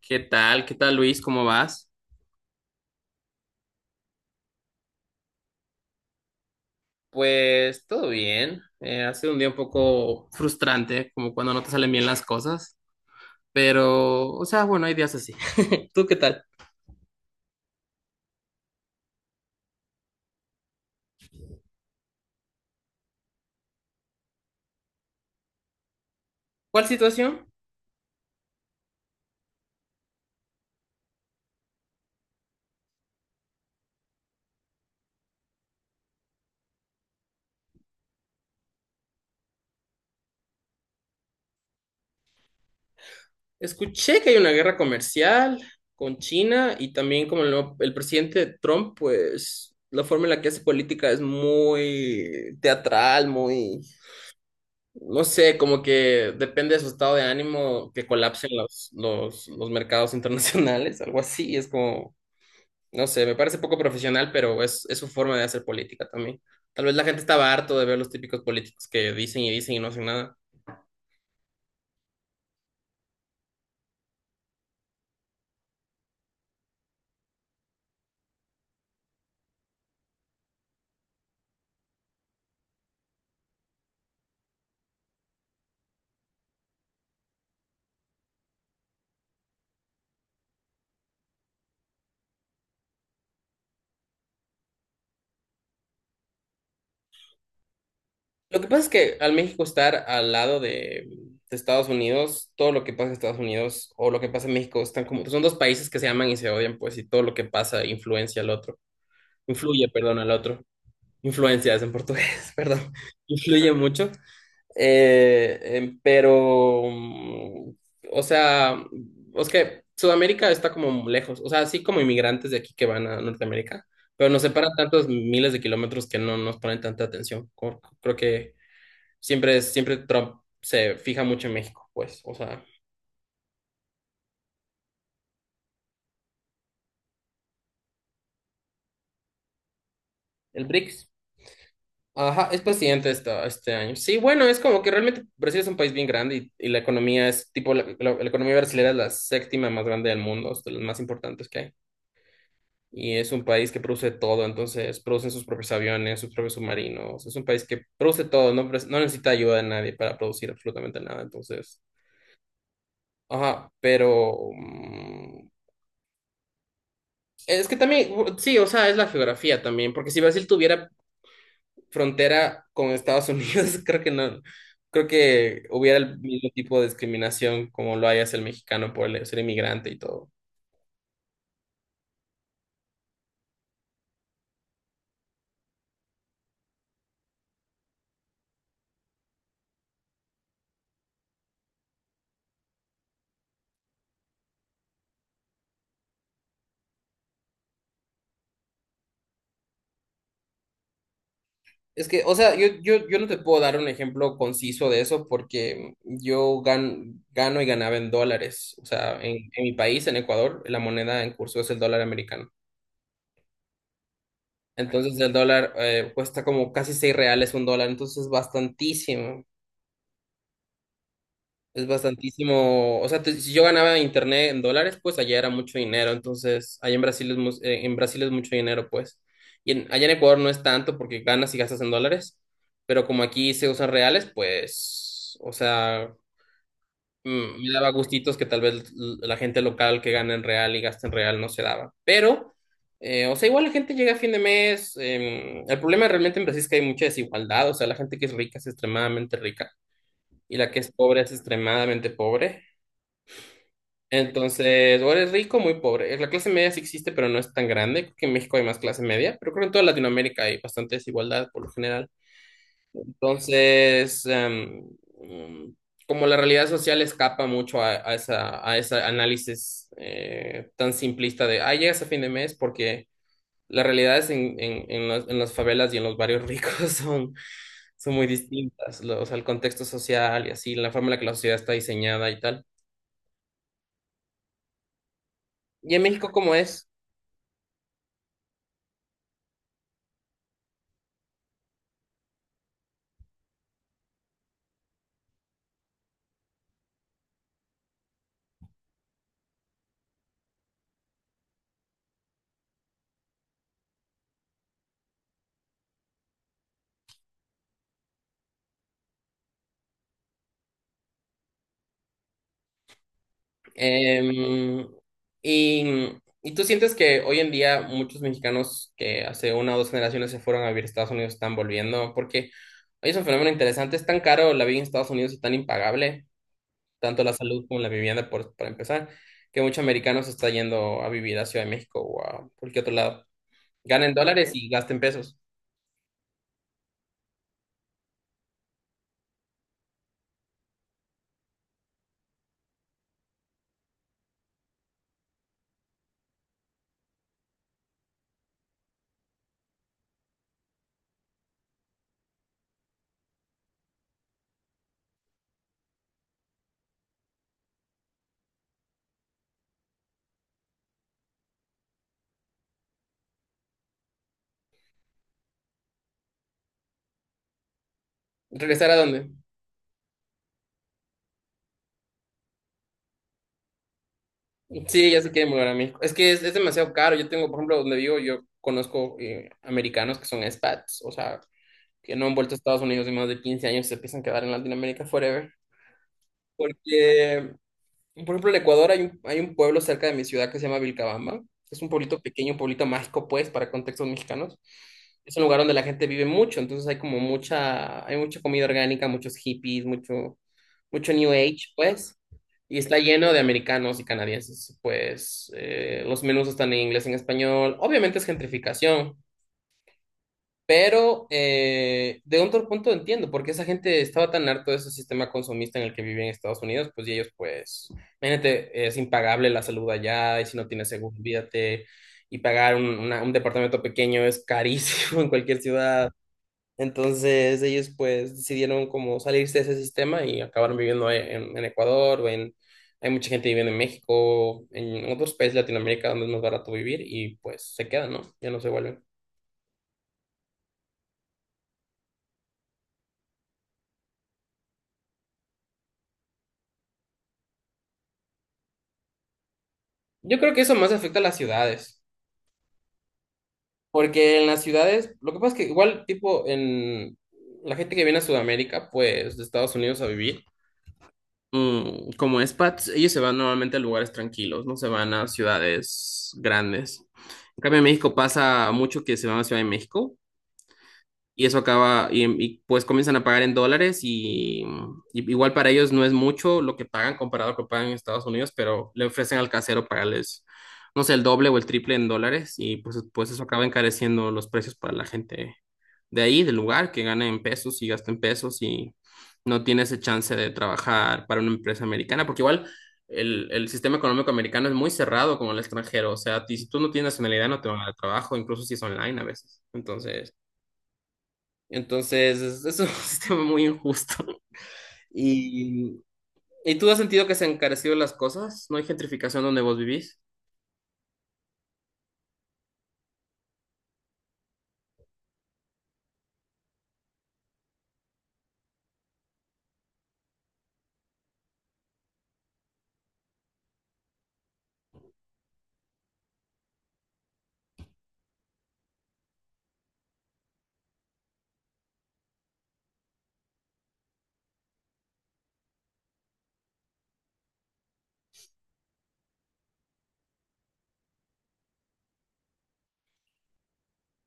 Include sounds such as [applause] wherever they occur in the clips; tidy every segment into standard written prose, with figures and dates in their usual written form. ¿Qué tal? ¿Qué tal, Luis? ¿Cómo vas? Pues todo bien. Ha sido un día un poco frustrante, como cuando no te salen bien las cosas. Pero, o sea, bueno, hay días así. [laughs] ¿Tú qué tal? ¿Cuál situación? Escuché que hay una guerra comercial con China y también como el presidente Trump, pues la forma en la que hace política es muy teatral, muy... No sé, como que depende de su estado de ánimo que colapsen los mercados internacionales, [laughs] algo así. Es como, no sé, me parece poco profesional, pero es su forma de hacer política también. Tal vez la gente estaba harto de ver los típicos políticos que dicen y dicen y no hacen nada. Lo que pasa es que al México estar al lado de Estados Unidos, todo lo que pasa en Estados Unidos o lo que pasa en México están como, son dos países que se aman y se odian, pues, y todo lo que pasa influencia al otro, influye, perdón, al otro. Influencias en portugués, [laughs] perdón, influye mucho, pero, o sea, es que Sudamérica está como lejos, o sea, así como inmigrantes de aquí que van a Norteamérica, pero nos separan tantos miles de kilómetros que no nos ponen tanta atención. Creo que siempre, siempre Trump se fija mucho en México, pues, o sea, el BRICS. Ajá, es presidente este año. Sí, bueno, es como que realmente Brasil es un país bien grande y la economía es tipo, la economía brasileña es la séptima más grande del mundo, es de las más importantes que hay. Y es un país que produce todo, entonces producen sus propios aviones, sus propios submarinos. Es un país que produce todo, no, no necesita ayuda de nadie para producir absolutamente nada. Entonces, ajá, pero es que también, sí, o sea, es la geografía también, porque si Brasil tuviera frontera con Estados Unidos, [laughs] creo que no, creo que hubiera el mismo tipo de discriminación como lo hay hacia el mexicano por ser inmigrante y todo. Es que, o sea, yo no te puedo dar un ejemplo conciso de eso porque yo gano y ganaba en dólares. O sea, en mi país, en Ecuador, la moneda en curso es el dólar americano. Entonces el dólar cuesta como casi seis reales un dólar, entonces es bastantísimo. Es bastantísimo, o sea, si yo ganaba internet en dólares, pues allá era mucho dinero, entonces allá en Brasil es, en Brasil es mucho dinero, pues. Y allá en Ecuador no es tanto porque ganas y gastas en dólares, pero como aquí se usan reales, pues, o sea, me daba gustitos que tal vez la gente local que gana en real y gasta en real no se daba. Pero, o sea, igual la gente llega a fin de mes, el problema realmente en Brasil es que hay mucha desigualdad, o sea, la gente que es rica es extremadamente rica y la que es pobre es extremadamente pobre. Entonces, o eres rico o muy pobre. La clase media sí existe, pero no es tan grande. Creo que en México hay más clase media, pero creo que en toda Latinoamérica hay bastante desigualdad por lo general. Entonces, mm, como la realidad social escapa mucho a esa, a ese análisis tan simplista de, ah, llegas a fin de mes porque las realidades en las favelas y en los barrios ricos [laughs] son, son muy distintas. O sea, el contexto social y así, la forma en la que la sociedad está diseñada y tal. ¿Y en México cómo es? Em, y, y tú sientes que hoy en día muchos mexicanos que hace una o dos generaciones se fueron a vivir a Estados Unidos están volviendo, porque hoy es un fenómeno interesante, es tan caro la vida en Estados Unidos y tan impagable, tanto la salud como la vivienda, por, para empezar, que muchos americanos se está yendo a vivir a Ciudad de México o a cualquier otro lado. Ganen dólares y gasten pesos. ¿Regresar a dónde? Sí, ya se quieren volver a México. Es que es demasiado caro. Yo tengo, por ejemplo, donde vivo, yo conozco americanos que son expats, o sea, que no han vuelto a Estados Unidos en más de 15 años, se piensan quedar en Latinoamérica forever. Porque, por ejemplo, en Ecuador hay hay un pueblo cerca de mi ciudad que se llama Vilcabamba. Es un pueblito pequeño, un pueblito mágico, pues, para contextos mexicanos. Es un lugar donde la gente vive mucho, entonces hay como mucha, hay mucha comida orgánica, muchos hippies, mucho, mucho New Age, pues. Y está lleno de americanos y canadienses, pues los menús están en inglés, en español. Obviamente es gentrificación, pero de otro punto entiendo, porque esa gente estaba tan harto de ese sistema consumista en el que vive en Estados Unidos, pues y ellos pues, imagínate, es impagable la salud allá, y si no tienes seguro, olvídate, y pagar un departamento pequeño es carísimo [laughs] en cualquier ciudad. Entonces ellos pues decidieron como salirse de ese sistema y acabaron viviendo en Ecuador, o en, hay mucha gente viviendo en México, en otros países de Latinoamérica donde es más barato vivir y pues se quedan, ¿no? Ya no se vuelven. Yo creo que eso más afecta a las ciudades, porque en las ciudades, lo que pasa es que igual tipo en la gente que viene a Sudamérica, pues de Estados Unidos a vivir, como expats, ellos se van normalmente a lugares tranquilos, no se van a ciudades grandes. En cambio, en México pasa mucho que se van a Ciudad de México. Y eso acaba, pues comienzan a pagar en dólares y igual para ellos no es mucho lo que pagan comparado a lo que pagan en Estados Unidos, pero le ofrecen al casero pagarles, no sé, el doble o el triple en dólares y pues, pues eso acaba encareciendo los precios para la gente de ahí, del lugar, que gana en pesos y gasta en pesos y no tiene ese chance de trabajar para una empresa americana, porque igual el sistema económico americano es muy cerrado como el extranjero, o sea, si tú no tienes nacionalidad no te van a dar trabajo, incluso si es online a veces. Entonces... Entonces, es un [laughs] sistema muy injusto. Y, ¿Y tú has sentido que se han encarecido las cosas? ¿No hay gentrificación donde vos vivís?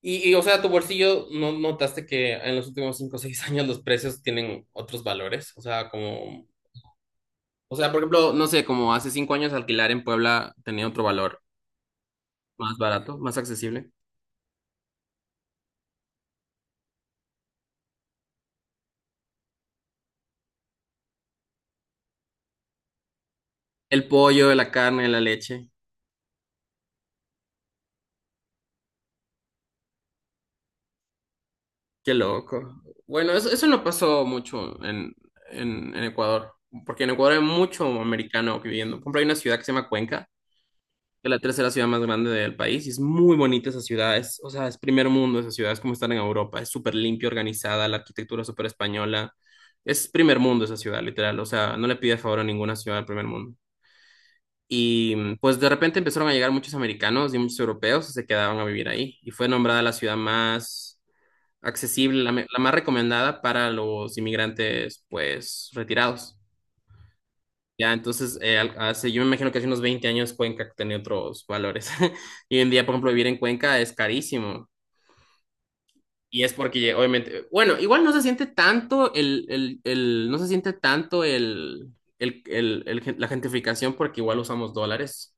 Y, o sea, tu bolsillo, ¿no notaste que en los últimos 5 o 6 años los precios tienen otros valores? O sea, como, o sea, por ejemplo, no sé, como hace 5 años alquilar en Puebla tenía otro valor, más barato, más accesible. El pollo, la carne, la leche. Qué loco. Bueno, eso no pasó mucho en Ecuador, porque en Ecuador hay mucho americano viviendo. Por ejemplo, hay una ciudad que se llama Cuenca, que es la tercera ciudad más grande del país, y es muy bonita esa ciudad. Es, o sea, es primer mundo esa ciudad, es como estar en Europa, es súper limpia, organizada, la arquitectura es súper española. Es primer mundo esa ciudad, literal. O sea, no le pide favor a ninguna ciudad del primer mundo. Y pues de repente empezaron a llegar muchos americanos y muchos europeos y se quedaban a vivir ahí. Y fue nombrada la ciudad más accesible, la más recomendada para los inmigrantes, pues, retirados. Ya, entonces, hace, yo me imagino que hace unos 20 años Cuenca tenía otros valores. [laughs] Y hoy en día, por ejemplo, vivir en Cuenca es carísimo. Y es porque, obviamente, bueno, igual no se siente tanto no se siente tanto el la gentrificación porque igual usamos dólares.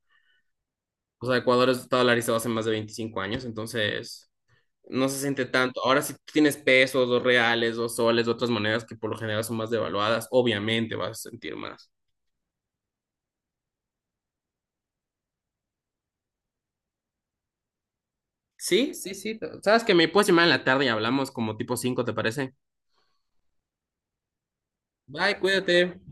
O sea, Ecuador es dolarizado hace más de 25 años, entonces no se siente tanto. Ahora si tú tienes pesos, dos reales, dos soles, otras monedas que por lo general son más devaluadas, obviamente vas a sentir más. Sí, sí, sí. Sabes que me puedes llamar en la tarde y hablamos como tipo cinco, ¿te parece? Bye, cuídate.